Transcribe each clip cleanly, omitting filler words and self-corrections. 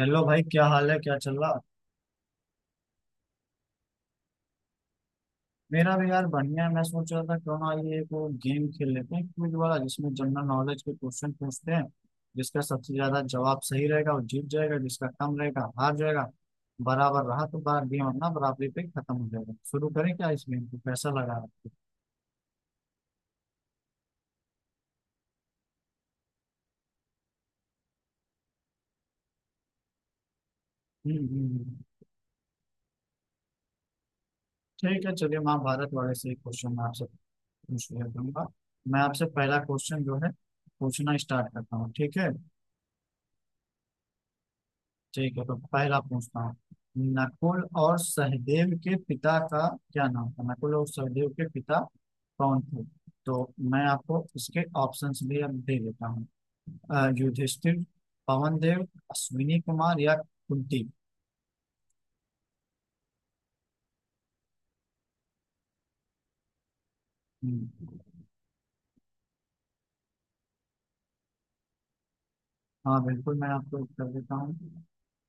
Hello भाई, क्या हाल है, क्या चल रहा। मेरा भी यार बढ़िया है। मैं सोच रहा था क्यों ना ये को गेम खेल लेते हैं, क्विज वाला जिसमें जनरल नॉलेज के क्वेश्चन पूछते हैं। जिसका सबसे ज्यादा जवाब सही रहेगा वो जीत जाएगा, जिसका कम रहेगा हार जाएगा। बराबर रहा तो बार गेम अपना बराबरी पे खत्म हो जाएगा। शुरू करें क्या इस गेम को? कैसा लगा आपको? हम्म, ठीक है, चलिए महाभारत वाले से एक क्वेश्चन मैं आपसे पूछ लेता हूँ। मैं आपसे पहला क्वेश्चन जो है पूछना स्टार्ट करता हूँ, ठीक है। ठीक है, तो पहला पूछता हूँ। नकुल और सहदेव के पिता का क्या नाम था? नकुल और सहदेव के पिता कौन थे? तो मैं आपको इसके ऑप्शंस भी अब दे देता हूँ। युधिष्ठिर, पवन देव, अश्विनी कुमार या कुंती। हम्म। हाँ बिल्कुल, मैं आपको उत्तर देता हूँ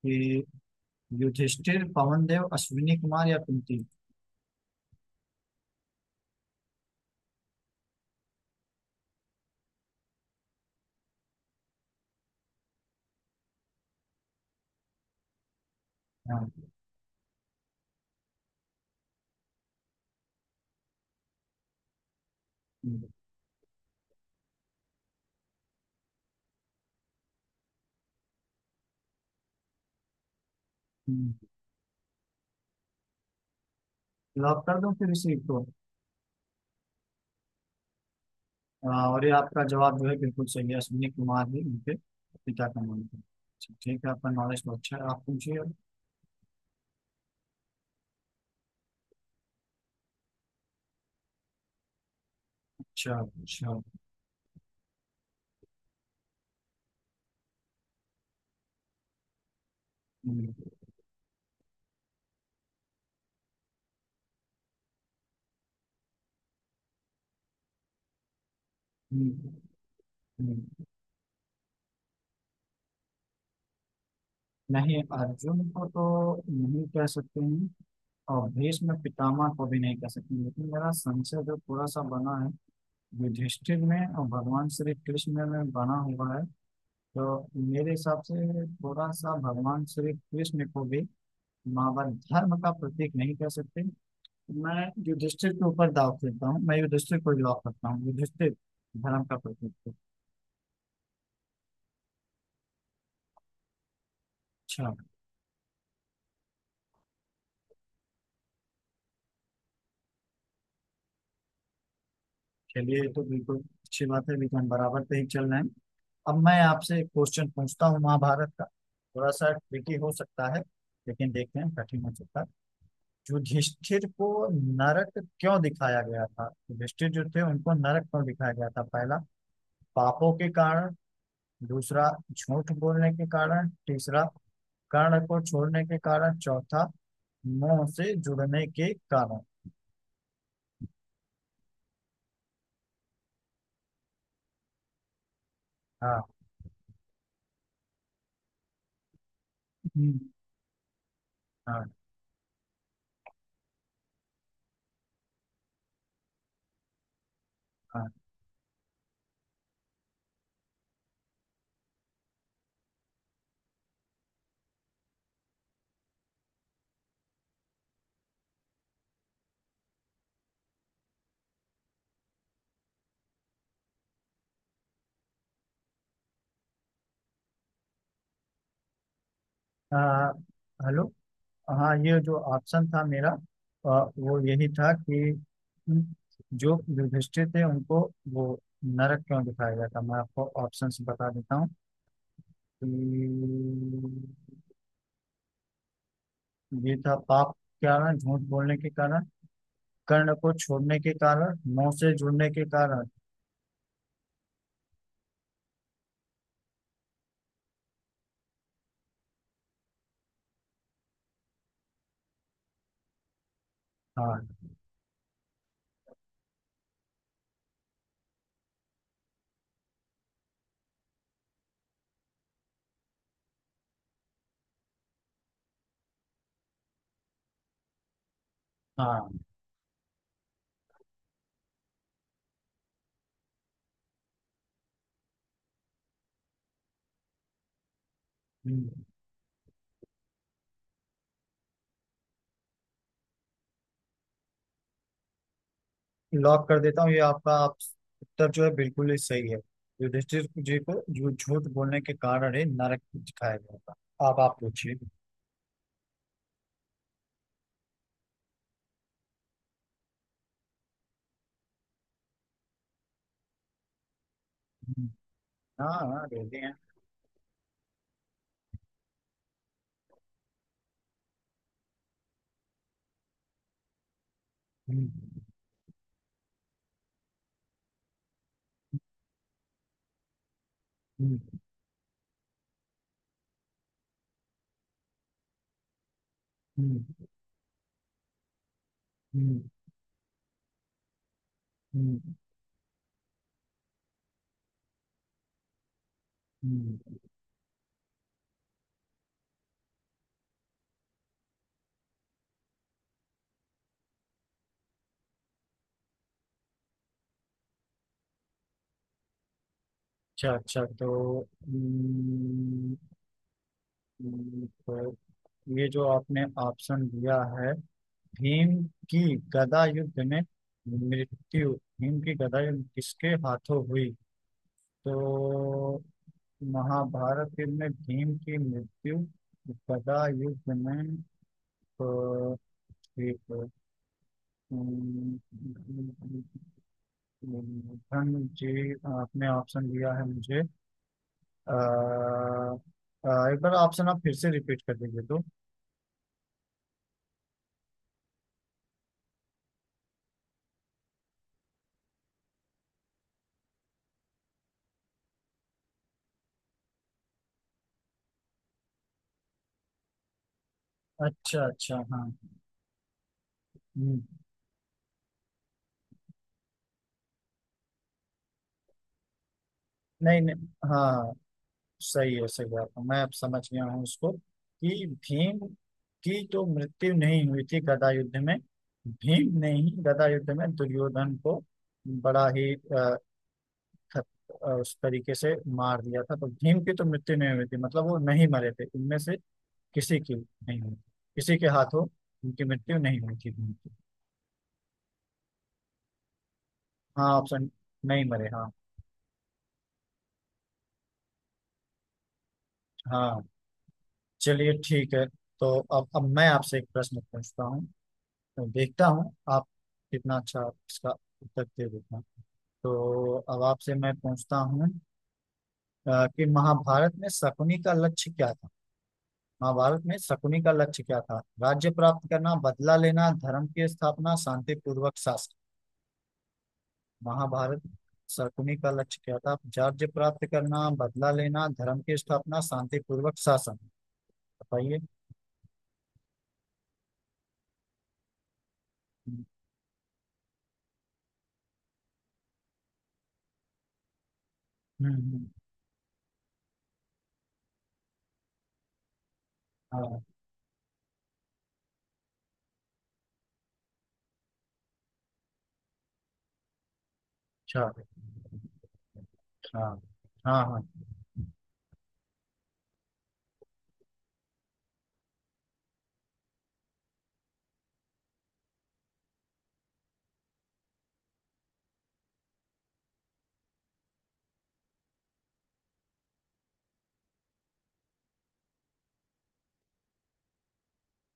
कि युधिष्ठिर, पवन देव, अश्विनी कुमार या कुंती। हाँ। हम्म, हम्म। लॉक कर दूं फिर इसी को? हाँ, और ये आपका जवाब जो है बिल्कुल सही है, अश्विनी कुमार ही उनके पिता का नाम था। अच्छा, ठीक है, आपका नॉलेज तो अच्छा है, आप पूछिए। अच्छा, अच्छा। हम्म, हम्म, हम्म। नहीं, अर्जुन को तो नहीं कह सकते हैं, और भीष्म पितामह को भी नहीं कह सकते, लेकिन मेरा संशय जो थोड़ा सा बना है युधिष्ठिर में और भगवान श्री कृष्ण में बना हुआ है। तो मेरे हिसाब से थोड़ा सा भगवान श्री कृष्ण को भी मां धर्म का प्रतीक नहीं कह सकते। मैं युधिष्ठिर के ऊपर दाव खेलता हूँ, मैं युधिष्ठिर को लॉक करता हूँ, युधिष्ठिर धर्म का प्रतीक है। अच्छा। चलिए ये तो बिल्कुल अच्छी बात है लेकिन बराबर पे ही चल रहे हैं। अब मैं आपसे एक क्वेश्चन पूछता हूँ महाभारत का। थोड़ा सा ट्रिकी हो सकता है, लेकिन देखते हैं, कठिन हो सकता है। युधिष्ठिर को नरक क्यों दिखाया गया था? युधिष्ठिर जो थे उनको नरक क्यों दिखाया गया था? पहला पापों के कारण, दूसरा झूठ बोलने के कारण, तीसरा कर्ण को छोड़ने के कारण, चौथा मोह से जुड़ने के कारण। हाँ। हम्म। हाँ, हाँ। आ, हेलो। हाँ, ये जो ऑप्शन था मेरा, वो यही था कि जो युधिष्ठिर थे उनको वो नरक क्यों दिखाया गया था। मैं आपको ऑप्शंस बता देता हूँ कि ये था पाप के कारण, झूठ बोलने के कारण, कर्ण को छोड़ने के कारण, मोह से जुड़ने के कारण। हाँ, हाँ। हम्म। लॉक कर देता हूँ, ये आपका आप उत्तर जो है बिल्कुल ही सही है। युधिष्ठिर जी को जो झूठ बोलने के कारण ही नरक दिखाया गया था। आप पूछिए। हम्म। हाँ, हाँ, रेडी हैं। हम्म, हम्म, हम्म, हम्म, हम्म, हम्म। अच्छा, अच्छा, तो ये जो आपने ऑप्शन दिया है। भीम की गदा युद्ध में मृत्यु, भीम की गदा युद्ध किसके हाथों हुई? तो महाभारत युद्ध में भीम की मृत्यु गदा युद्ध में। अ, एक अम, धन जी, आपने ऑप्शन दिया है मुझे। एक बार ऑप्शन आप फिर से रिपीट कर दीजिए तो। अच्छा, अच्छा, हाँ। हम्म। नहीं, नहीं। हाँ। सही है, सही बात है आपका। मैं अब समझ गया हूँ उसको कि भीम की तो मृत्यु नहीं हुई थी गदा युद्ध में। भीम ने ही गदा युद्ध में दुर्योधन को बड़ा ही खत- उस तरीके से मार दिया था। तो भीम की तो मृत्यु नहीं हुई थी, मतलब वो नहीं मरे थे, इनमें से किसी की नहीं हुई, किसी के हाथों उनकी मृत्यु नहीं हुई थी भीम की। हाँ, ऑप्शन नहीं मरे, हाँ। हाँ, चलिए ठीक है। तो अब मैं आपसे एक प्रश्न पूछता हूँ। मैं देखता हूँ आप कितना अच्छा इसका उत्तर दे देते हैं। तो अब आपसे मैं पूछता हूँ कि महाभारत में शकुनी का लक्ष्य क्या था। महाभारत में शकुनी का लक्ष्य क्या था? राज्य प्राप्त करना, बदला लेना, धर्म की स्थापना, शांतिपूर्वक शासन। महाभारत, शकुनी का लक्ष्य क्या था? राज्य प्राप्त करना, बदला लेना, धर्म की स्थापना, शांतिपूर्वक शासन, बताइए। हम्म, हम्म, हम्म। हाँ, अच्छा। हाँ, हाँ, हाँ।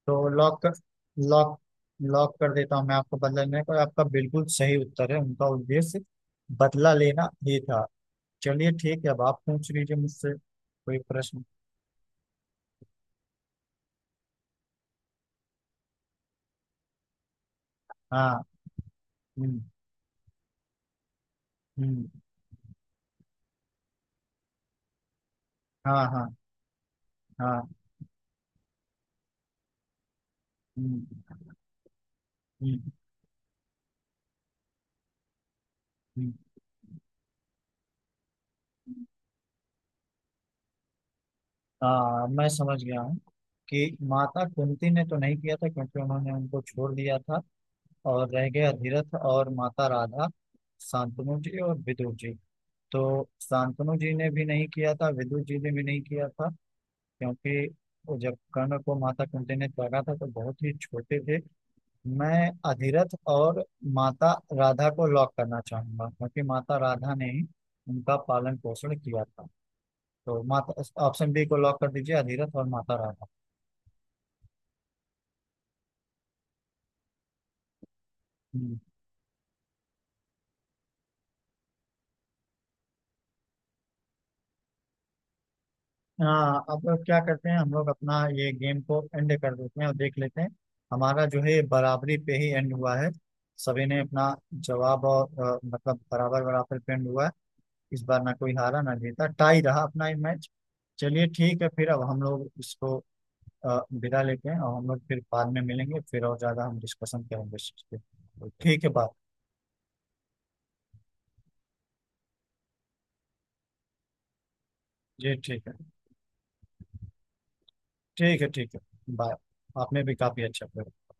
तो लॉक लॉक कर देता हूँ मैं आपको, बदला लेने को, आपका बिल्कुल सही उत्तर है, उनका उद्देश्य बदला लेना ही था। चलिए ठीक है, अब आप पूछ लीजिए मुझसे कोई प्रश्न। हाँ। हम्म, हम्म। हाँ, हाँ, हाँ। हम्म, हम्म, हम्म। हाँ, मैं समझ गया हूँ कि माता कुंती ने तो नहीं किया था, क्योंकि उन्होंने उनको छोड़ दिया था। और रह गया धीरथ और माता राधा, शांतनु जी और विदुर जी। तो शांतनु जी ने भी नहीं किया था, विदुर जी ने भी नहीं किया था, क्योंकि वो जब कर्ण को माता कुंती ने त्यागा था तो बहुत ही छोटे थे। मैं अधिरथ और माता राधा को लॉक करना चाहूंगा, क्योंकि माता राधा ने ही उनका पालन पोषण किया था। तो माता ऑप्शन बी को लॉक कर दीजिए, अधिरथ और माता राधा। हम्म, हाँ। अब क्या करते हैं हम लोग, अपना ये गेम को एंड कर देते हैं और देख लेते हैं। हमारा जो है बराबरी पे ही एंड हुआ है। सभी ने अपना जवाब, और मतलब बराबर बराबर पे एंड हुआ है। इस बार ना कोई हारा ना जीता, टाई रहा अपना ये मैच। चलिए ठीक है, फिर अब हम लोग इसको विदा लेते हैं, और हम लोग फिर बाद में मिलेंगे, फिर और ज्यादा हम डिस्कशन करेंगे इस चीज़ पे। तो ठीक है, बात। जी ठीक है। ठीक है, ठीक है, बाय। आपने भी काफी अच्छा किया।